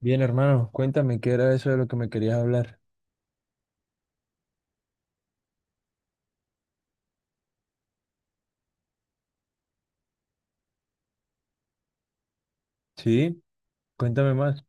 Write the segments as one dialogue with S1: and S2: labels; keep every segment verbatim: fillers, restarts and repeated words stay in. S1: Bien, hermano, cuéntame qué era eso de lo que me querías hablar. Sí, cuéntame más.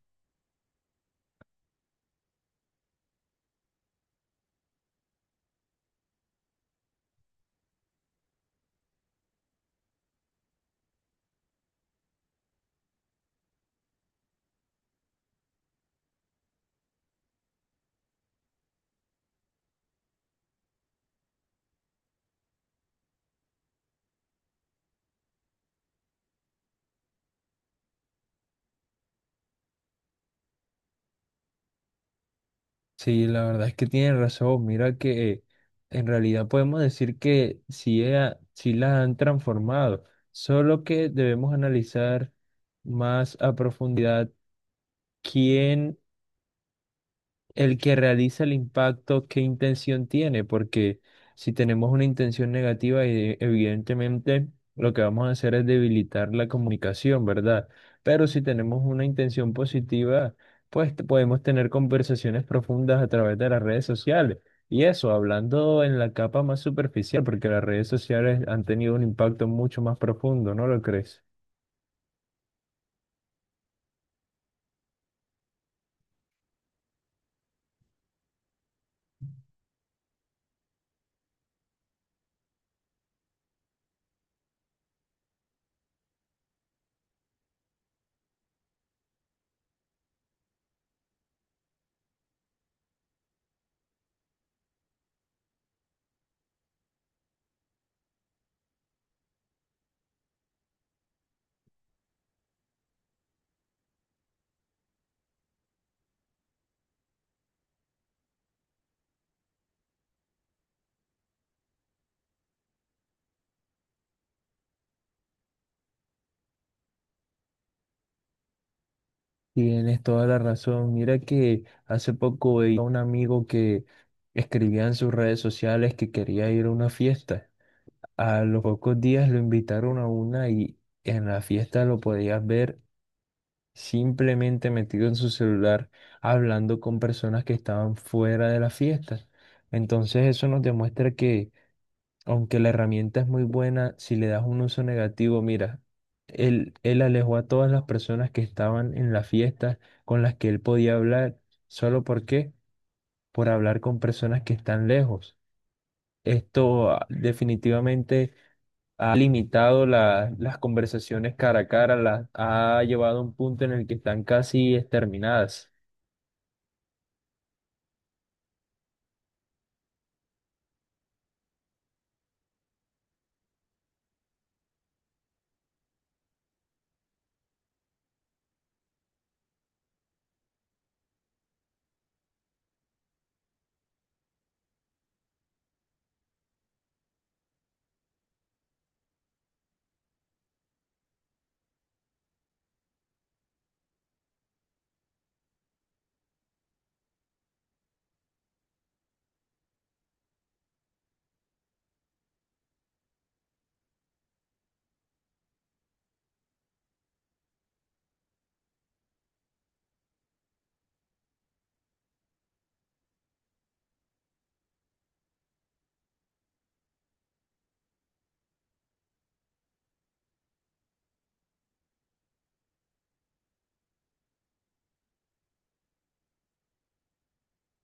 S1: Sí, la verdad es que tienes razón. Mira que en realidad podemos decir que sí, ella- sí la han transformado, solo que debemos analizar más a profundidad quién el que realiza el impacto, ¿qué intención tiene? Porque si tenemos una intención negativa, e- evidentemente lo que vamos a hacer es debilitar la comunicación, ¿verdad? Pero si tenemos una intención positiva, pues t- podemos tener conversaciones profundas a través de las redes sociales. Y eso, hablando en la capa más superficial, porque las redes sociales han tenido un impacto mucho más profundo, ¿no lo crees? Tienes toda la razón. Mira que hace poco veía a un amigo que escribía en sus redes sociales que quería ir a una fiesta. A los pocos días lo invitaron a una y en la fiesta lo podías ver simplemente metido en su celular hablando con personas que estaban fuera de la fiesta. Entonces eso nos demuestra que aunque la herramienta es muy buena, si le das un uso negativo, mira, él, él alejó a todas las personas que estaban en la fiesta con las que él podía hablar, solo por qué, por hablar con personas que están lejos. Esto ah, definitivamente ha limitado la- las conversaciones cara a cara, las ha llevado a un punto en el que están casi exterminadas.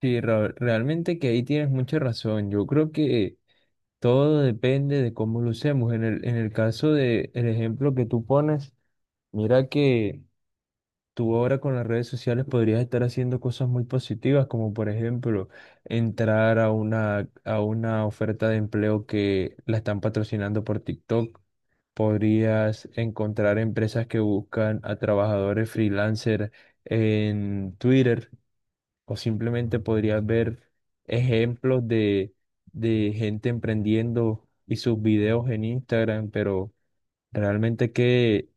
S1: Sí, Ra- realmente que ahí tienes mucha razón. Yo creo que todo depende de cómo lo usemos. En el, en el caso de el ejemplo que tú pones, mira que tú ahora con las redes sociales podrías estar haciendo cosas muy positivas, como por ejemplo entrar a una, a una oferta de empleo que la están patrocinando por TikTok. Podrías encontrar empresas que buscan a trabajadores freelancer en Twitter. O simplemente podrías ver ejemplos de, de gente emprendiendo y sus videos en Instagram, pero realmente que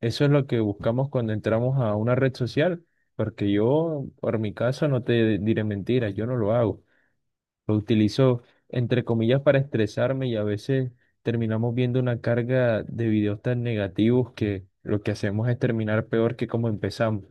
S1: eso es lo que buscamos cuando entramos a una red social, porque yo, por mi caso, no te diré mentiras, yo no lo hago. Lo utilizo, entre comillas, para estresarme y a veces terminamos viendo una carga de videos tan negativos que lo que hacemos es terminar peor que como empezamos.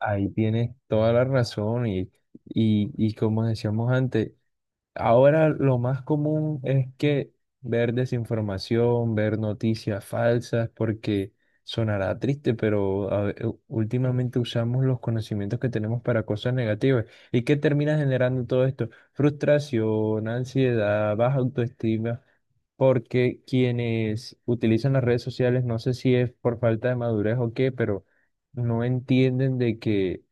S1: Ahí tienes toda la razón y, y, y como decíamos antes, ahora lo más común es que ver desinformación, ver noticias falsas, porque sonará triste, pero a ve- últimamente usamos los conocimientos que tenemos para cosas negativas. ¿Y qué termina generando todo esto? Frustración, ansiedad, baja autoestima, porque quienes utilizan las redes sociales, no sé si es por falta de madurez o qué, pero no entienden de que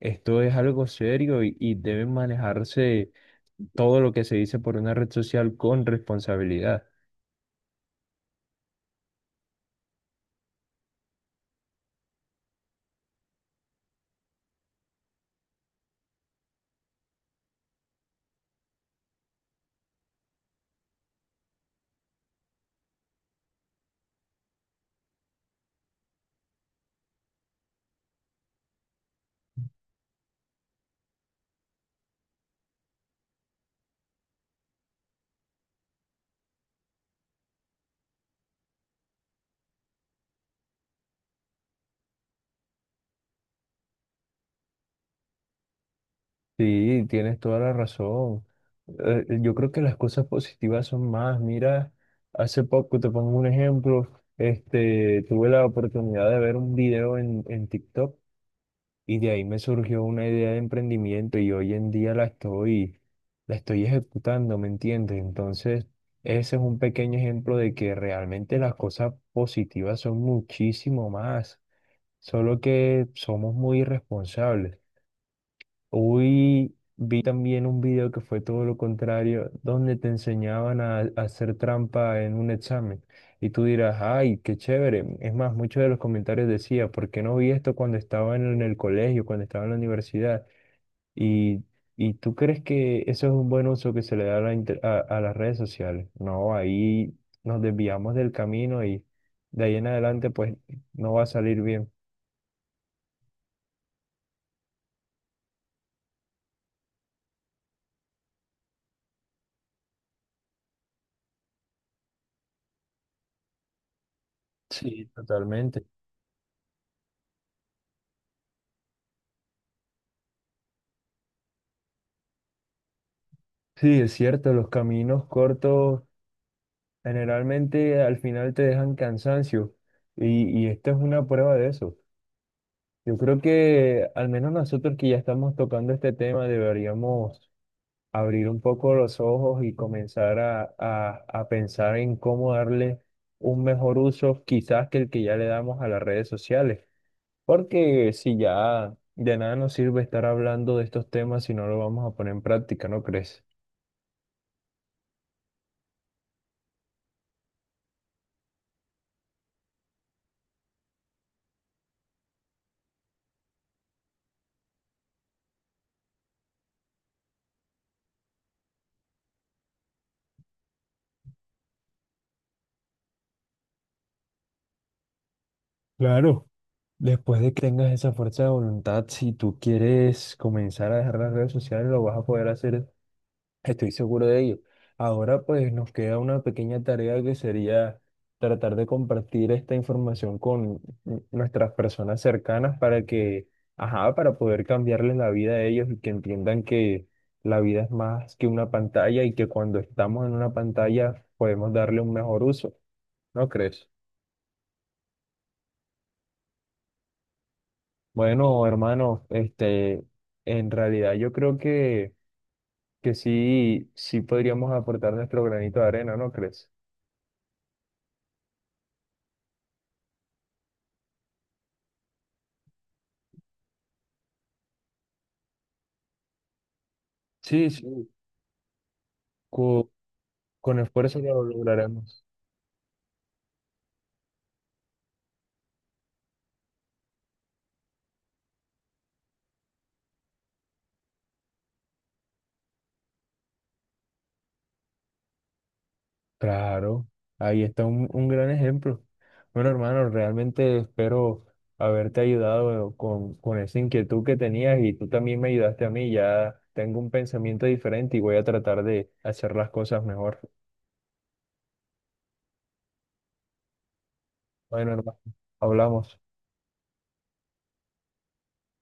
S1: esto es algo serio y, y debe manejarse todo lo que se dice por una red social con responsabilidad. Sí, tienes toda la razón. Eh, eh, yo creo que las cosas positivas son más. Mira, hace poco, te pongo un ejemplo, este, tuve la oportunidad de ver un video en, en TikTok y de ahí me surgió una idea de emprendimiento y hoy en día la estoy, la estoy ejecutando, ¿me entiendes? Entonces, ese es un pequeño ejemplo de que realmente las cosas positivas son muchísimo más, solo que somos muy irresponsables. Hoy vi también un video que fue todo lo contrario, donde te enseñaban a, a hacer trampa en un examen. Y tú dirás, ay, qué chévere. Es más, muchos de los comentarios decía, ¿por qué no vi esto cuando estaba en, en el colegio, cuando estaba en la universidad? Y, y tú crees que eso es un buen uso que se le da a, la inter- a a las redes sociales. No, ahí nos desviamos del camino y de ahí en adelante pues no va a salir bien. Sí, totalmente. Sí, es cierto, los caminos cortos generalmente al final te dejan cansancio y, y esta es una prueba de eso. Yo creo que al menos nosotros que ya estamos tocando este tema deberíamos abrir un poco los ojos y comenzar a, a, a pensar en cómo darle un mejor uso quizás que el que ya le damos a las redes sociales. Porque si ya de nada nos sirve estar hablando de estos temas si no lo vamos a poner en práctica, ¿no crees? Claro. Después de que tengas esa fuerza de voluntad, si tú quieres comenzar a dejar las redes sociales, lo vas a poder hacer, estoy seguro de ello. Ahora pues nos queda una pequeña tarea que sería tratar de compartir esta información con n- nuestras personas cercanas para que, ajá, para poder cambiarles la vida a ellos y que entiendan que la vida es más que una pantalla y que cuando estamos en una pantalla podemos darle un mejor uso. ¿No crees? Bueno, hermano, este, en realidad yo creo que, que sí, sí podríamos aportar nuestro granito de arena, ¿no crees? Sí, sí, co- con esfuerzo lo lograremos. Claro, ahí está un, un gran ejemplo. Bueno, hermano, realmente espero haberte ayudado con, con esa inquietud que tenías y tú también me ayudaste a mí. Ya tengo un pensamiento diferente y voy a tratar de hacer las cosas mejor. Bueno, hermano, hablamos.